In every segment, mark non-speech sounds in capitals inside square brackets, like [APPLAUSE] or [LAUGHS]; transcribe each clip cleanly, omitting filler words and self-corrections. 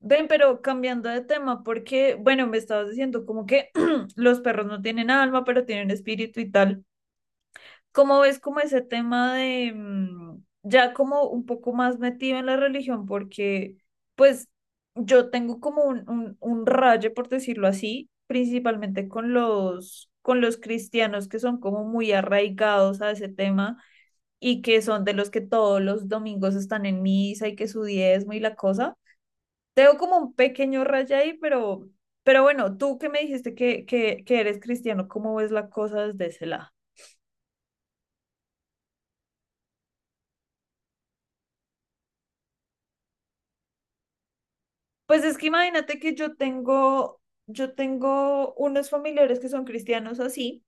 Ven, pero cambiando de tema, porque, bueno, me estabas diciendo como que [CLEARS THROAT] los perros no tienen alma, pero tienen espíritu y tal. ¿Cómo ves como ese tema de ya como un poco más metido en la religión? Porque, pues, yo tengo como un raye, por decirlo así, principalmente con con los cristianos que son como muy arraigados a ese tema y que son de los que todos los domingos están en misa y que su diezmo y la cosa, tengo como un pequeño raya ahí, pero bueno, tú que me dijiste que eres cristiano, ¿cómo ves la cosa desde ese lado? Pues es que imagínate que yo tengo unos familiares que son cristianos así.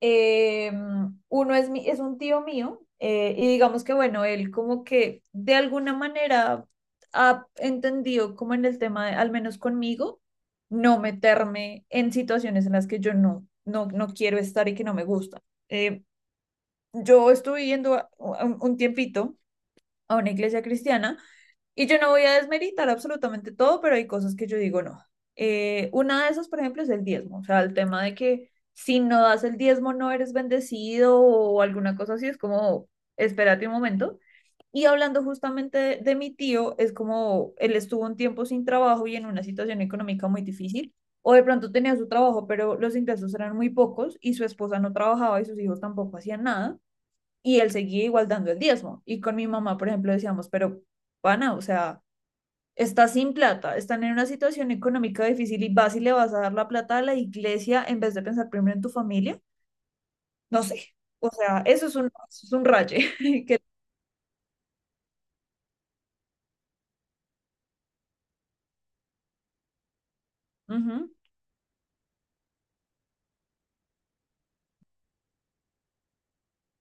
eh, Uno es, mi, es un tío mío, y digamos que bueno, él como que de alguna manera ha entendido como en el tema, al menos conmigo, no meterme en situaciones en las que yo no quiero estar y que no me gusta. Eh, yo estuve un tiempito a una iglesia cristiana y yo no voy a desmeritar absolutamente todo, pero hay cosas que yo digo no. Una de esas, por ejemplo, es el diezmo, o sea, el tema de que si no das el diezmo no eres bendecido o alguna cosa así, es como, espérate un momento. Y hablando justamente de mi tío, es como él estuvo un tiempo sin trabajo y en una situación económica muy difícil. O de pronto tenía su trabajo, pero los ingresos eran muy pocos y su esposa no trabajaba y sus hijos tampoco hacían nada y él seguía igual dando el diezmo. Y con mi mamá, por ejemplo, decíamos, pero pana, o sea, estás sin plata, están en una situación económica difícil y vas y le vas a dar la plata a la iglesia en vez de pensar primero en tu familia. No sé, o sea, eso es un raye. [LAUGHS] Que, ujú,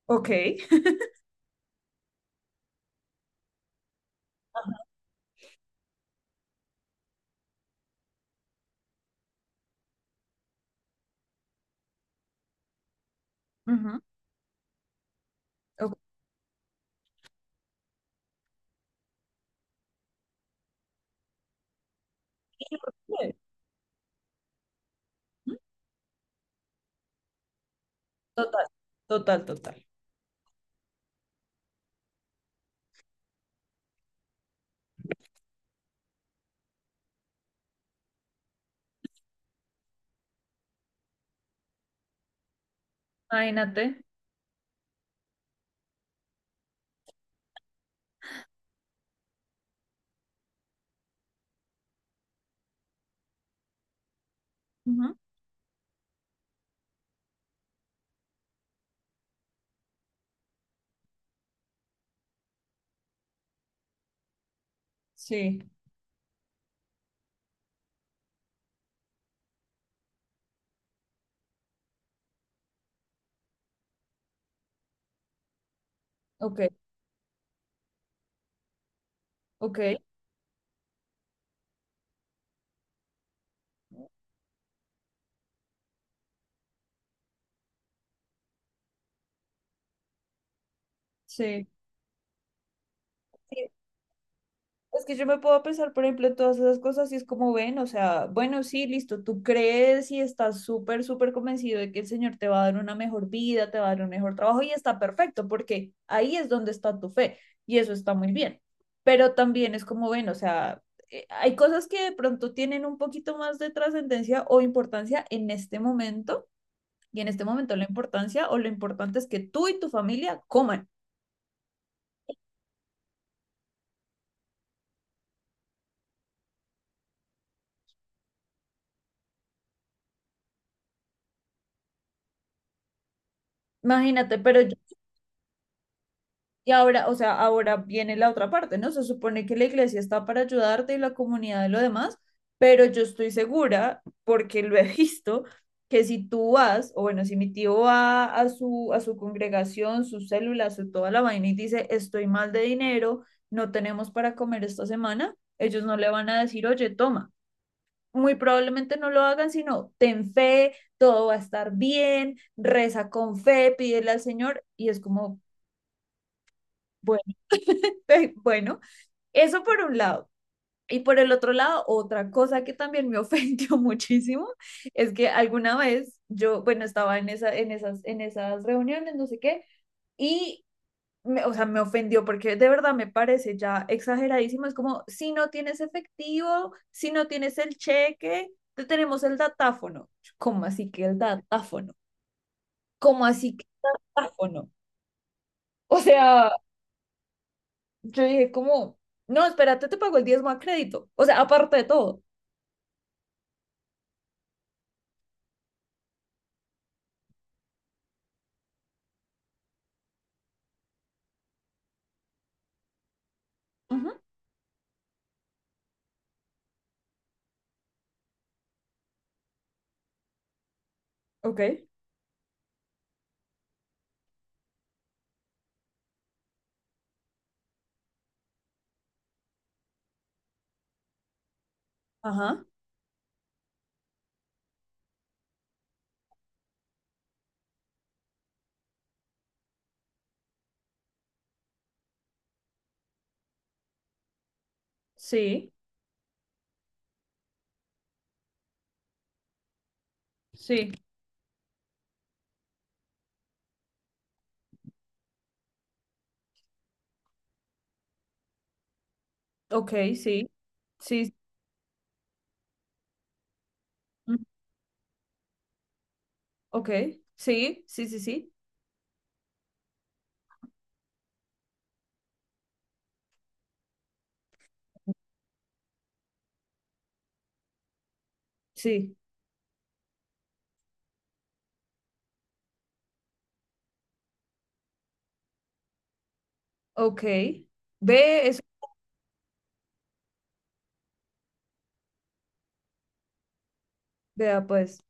ok, ujú, ok, total, total, total. Imagínate. Ujú, sí, ok, ok, sí. Sí, es que yo me puedo pensar, por ejemplo, en todas esas cosas y es como ven, o sea, bueno, sí, listo, tú crees y estás súper, súper convencido de que el Señor te va a dar una mejor vida, te va a dar un mejor trabajo y está perfecto, porque ahí es donde está tu fe y eso está muy bien. Pero también es como ven, o sea, hay cosas que de pronto tienen un poquito más de trascendencia o importancia en este momento, y en este momento la importancia o lo importante es que tú y tu familia coman. Imagínate, pero yo... Y ahora, o sea, ahora viene la otra parte, ¿no? Se supone que la iglesia está para ayudarte y la comunidad y lo demás, pero yo estoy segura, porque lo he [LAUGHS] visto, que si tú vas, o bueno, si mi tío va a su congregación, sus células, su toda la vaina y dice, estoy mal de dinero, no tenemos para comer esta semana, ellos no le van a decir, oye, toma. Muy probablemente no lo hagan, sino ten fe, todo va a estar bien, reza con fe, pídele al Señor, y es como, bueno, [LAUGHS] bueno, eso por un lado. Y por el otro lado, otra cosa que también me ofendió [LAUGHS] muchísimo es que alguna vez yo, bueno, estaba en esas reuniones, no sé qué, y, me, o sea, me ofendió porque de verdad me parece ya exageradísimo. Es como, si no tienes efectivo, si no tienes el cheque, te tenemos el datáfono. Yo, ¿cómo así que el datáfono? ¿Cómo así que el datáfono? O sea, yo dije como, no, espérate, te pago el diezmo a crédito. O sea, aparte de todo. Ujú, ok. Ajá, sí, sí, ok, sí, sí, mm, ok, sí, sí, sí, sí, sí, ok. Ve eso, vea pues.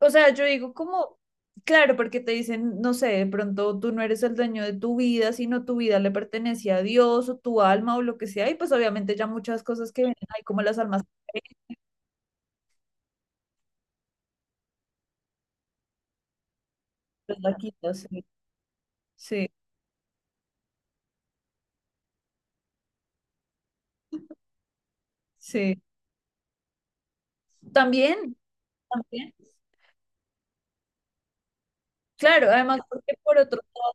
O sea, yo digo como, claro, porque te dicen, no sé, de pronto tú no eres el dueño de tu vida, sino tu vida le pertenece a Dios o tu alma o lo que sea, y pues obviamente ya muchas cosas que vienen ahí, como las almas, las quitas, sí, sí, sí. También, también. Claro, además porque por otro lado...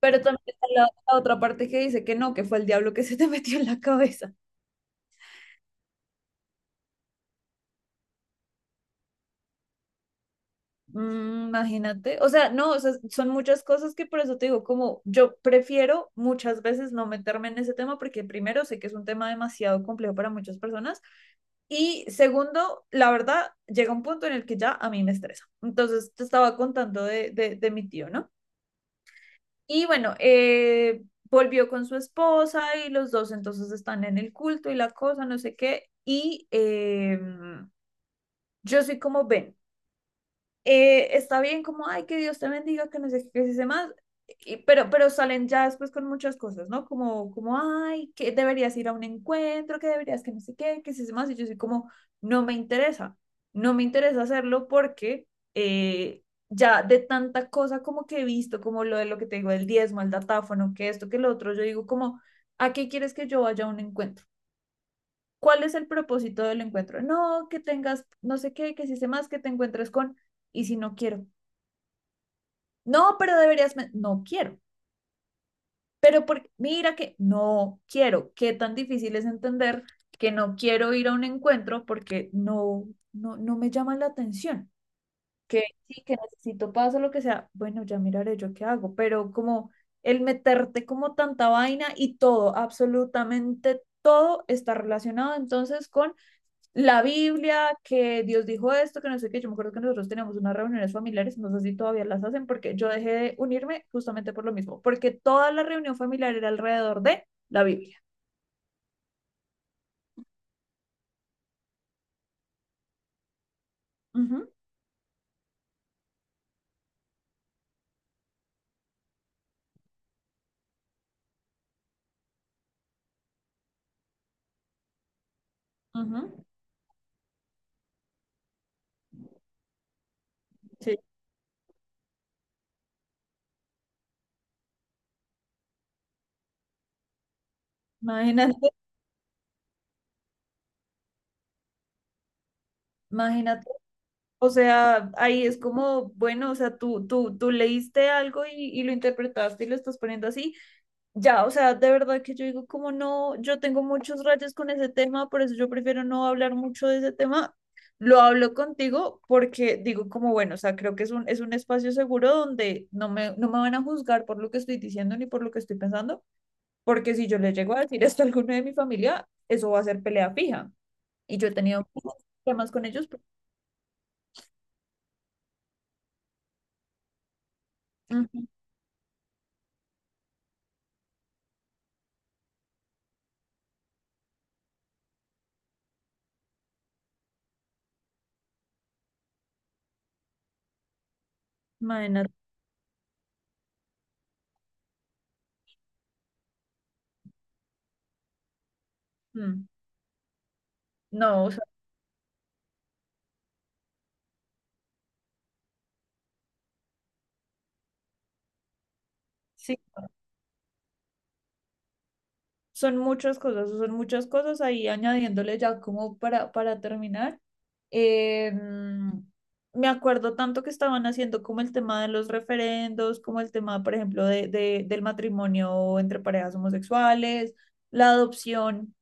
Pero también está la, la otra parte que dice que no, que fue el diablo que [LAUGHS] se te metió en la cabeza. Mm, imagínate. O sea, no, o sea, son muchas cosas que por eso te digo, como yo prefiero muchas veces no meterme en ese tema porque primero sé que es un tema demasiado complejo para muchas personas y segundo, la verdad, llega un punto en el que ya a mí me estresa. Entonces, te estaba contando de mi tío, ¿no? Y bueno, volvió con su esposa y los dos entonces están en el culto y la cosa, no sé qué. Yo soy como, ven, está bien como, ay, que Dios te bendiga, que no sé qué se más, pero salen ya después con muchas cosas, ¿no? Como, como, ay, que deberías ir a un encuentro, que deberías que no sé qué, que si se más, y yo soy como, no me interesa, no me interesa hacerlo porque eh, ya de tanta cosa como que he visto, como lo de lo que te digo, el diezmo, el datáfono, que esto, que lo otro, yo digo como, ¿a qué quieres que yo vaya a un encuentro? ¿Cuál es el propósito del encuentro? No, que tengas, no sé qué, que si sé más, que te encuentres con, y si no quiero. No, pero deberías, no quiero. Pero porque, mira que no quiero, qué tan difícil es entender que no quiero ir a un encuentro porque no me llama la atención. Que sí, que necesito paso, lo que sea. Bueno, ya miraré yo qué hago, pero como el meterte como tanta vaina y todo, absolutamente todo está relacionado entonces con la Biblia, que Dios dijo esto, que no sé qué. Yo me acuerdo que nosotros teníamos unas reuniones familiares, no sé si todavía las hacen, porque yo dejé de unirme justamente por lo mismo, porque toda la reunión familiar era alrededor de la Biblia. Ujú, ujú, sí. Imagínate, imagínate. O sea, ahí es como, bueno, o sea, tú leíste algo y lo interpretaste y lo estás poniendo así. Ya, o sea, de verdad que yo digo, como no, yo tengo muchos rayos con ese tema, por eso yo prefiero no hablar mucho de ese tema. Lo hablo contigo porque digo como, bueno, o sea, creo que es es un espacio seguro donde no no me van a juzgar por lo que estoy diciendo ni por lo que estoy pensando, porque si yo le llego a decir esto a alguno de mi familia, eso va a ser pelea fija. Y yo he tenido muchos temas con ellos, pero, ujú, imagínate, mm, no, o sea, sí. Son muchas cosas ahí añadiéndole ya como para terminar. eh, Me acuerdo tanto que estaban haciendo como el tema de los referendos, como el tema, por ejemplo, del matrimonio entre parejas homosexuales, la adopción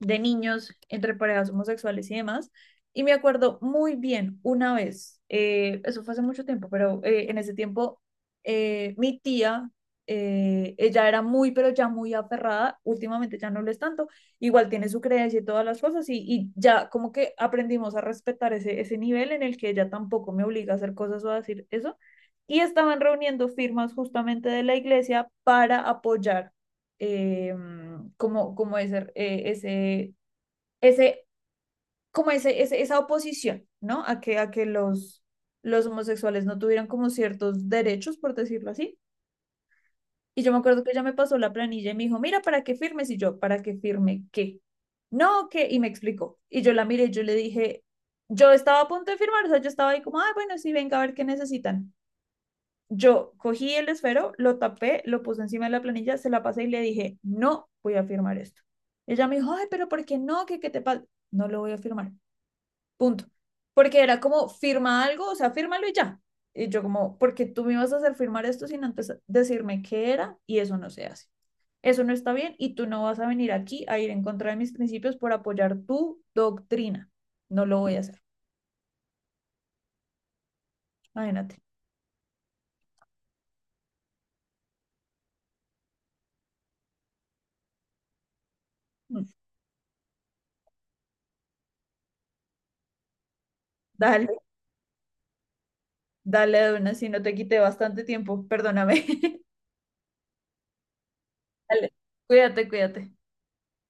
de niños entre parejas homosexuales y demás. Y me acuerdo muy bien una vez, eso fue hace mucho tiempo, pero en ese tiempo mi tía, ella era muy, pero ya muy aferrada, últimamente ya no lo es tanto, igual tiene su creencia y todas las cosas y ya como que aprendimos a respetar ese nivel en el que ella tampoco me obliga a hacer cosas o a decir eso. Y estaban reuniendo firmas justamente de la iglesia para apoyar mm, como, como ese, ese, ese, como ese- esa oposición, ¿no? A que los homosexuales no tuvieran como ciertos derechos, por decirlo así. Y yo me acuerdo que ella me pasó la planilla y me dijo, mira, ¿para qué firmes? Y yo, ¿para qué firme qué? No, ¿qué? Y me explicó. Y yo la miré y yo le dije, yo estaba a punto de firmar, o sea, yo estaba ahí como, ah, bueno, sí, venga a ver qué necesitan. Yo cogí el esfero, lo tapé, lo puse encima de la planilla, se la pasé y le dije, no voy a firmar esto. Ella me dijo, ay, pero ¿por qué no? ¿Qué, qué te pasa? No lo voy a firmar, punto. Porque era como, firma algo, o sea, fírmalo y ya. Y yo como, porque tú me vas a hacer firmar esto sin antes decirme qué era y eso no se hace. Eso no está bien y tú no vas a venir aquí a ir en contra de mis principios por apoyar tu doctrina. No lo voy a hacer. Imagínate. Dale, dale de una, si no te quité bastante tiempo, perdóname. [LAUGHS] Dale, cuídate, cuídate.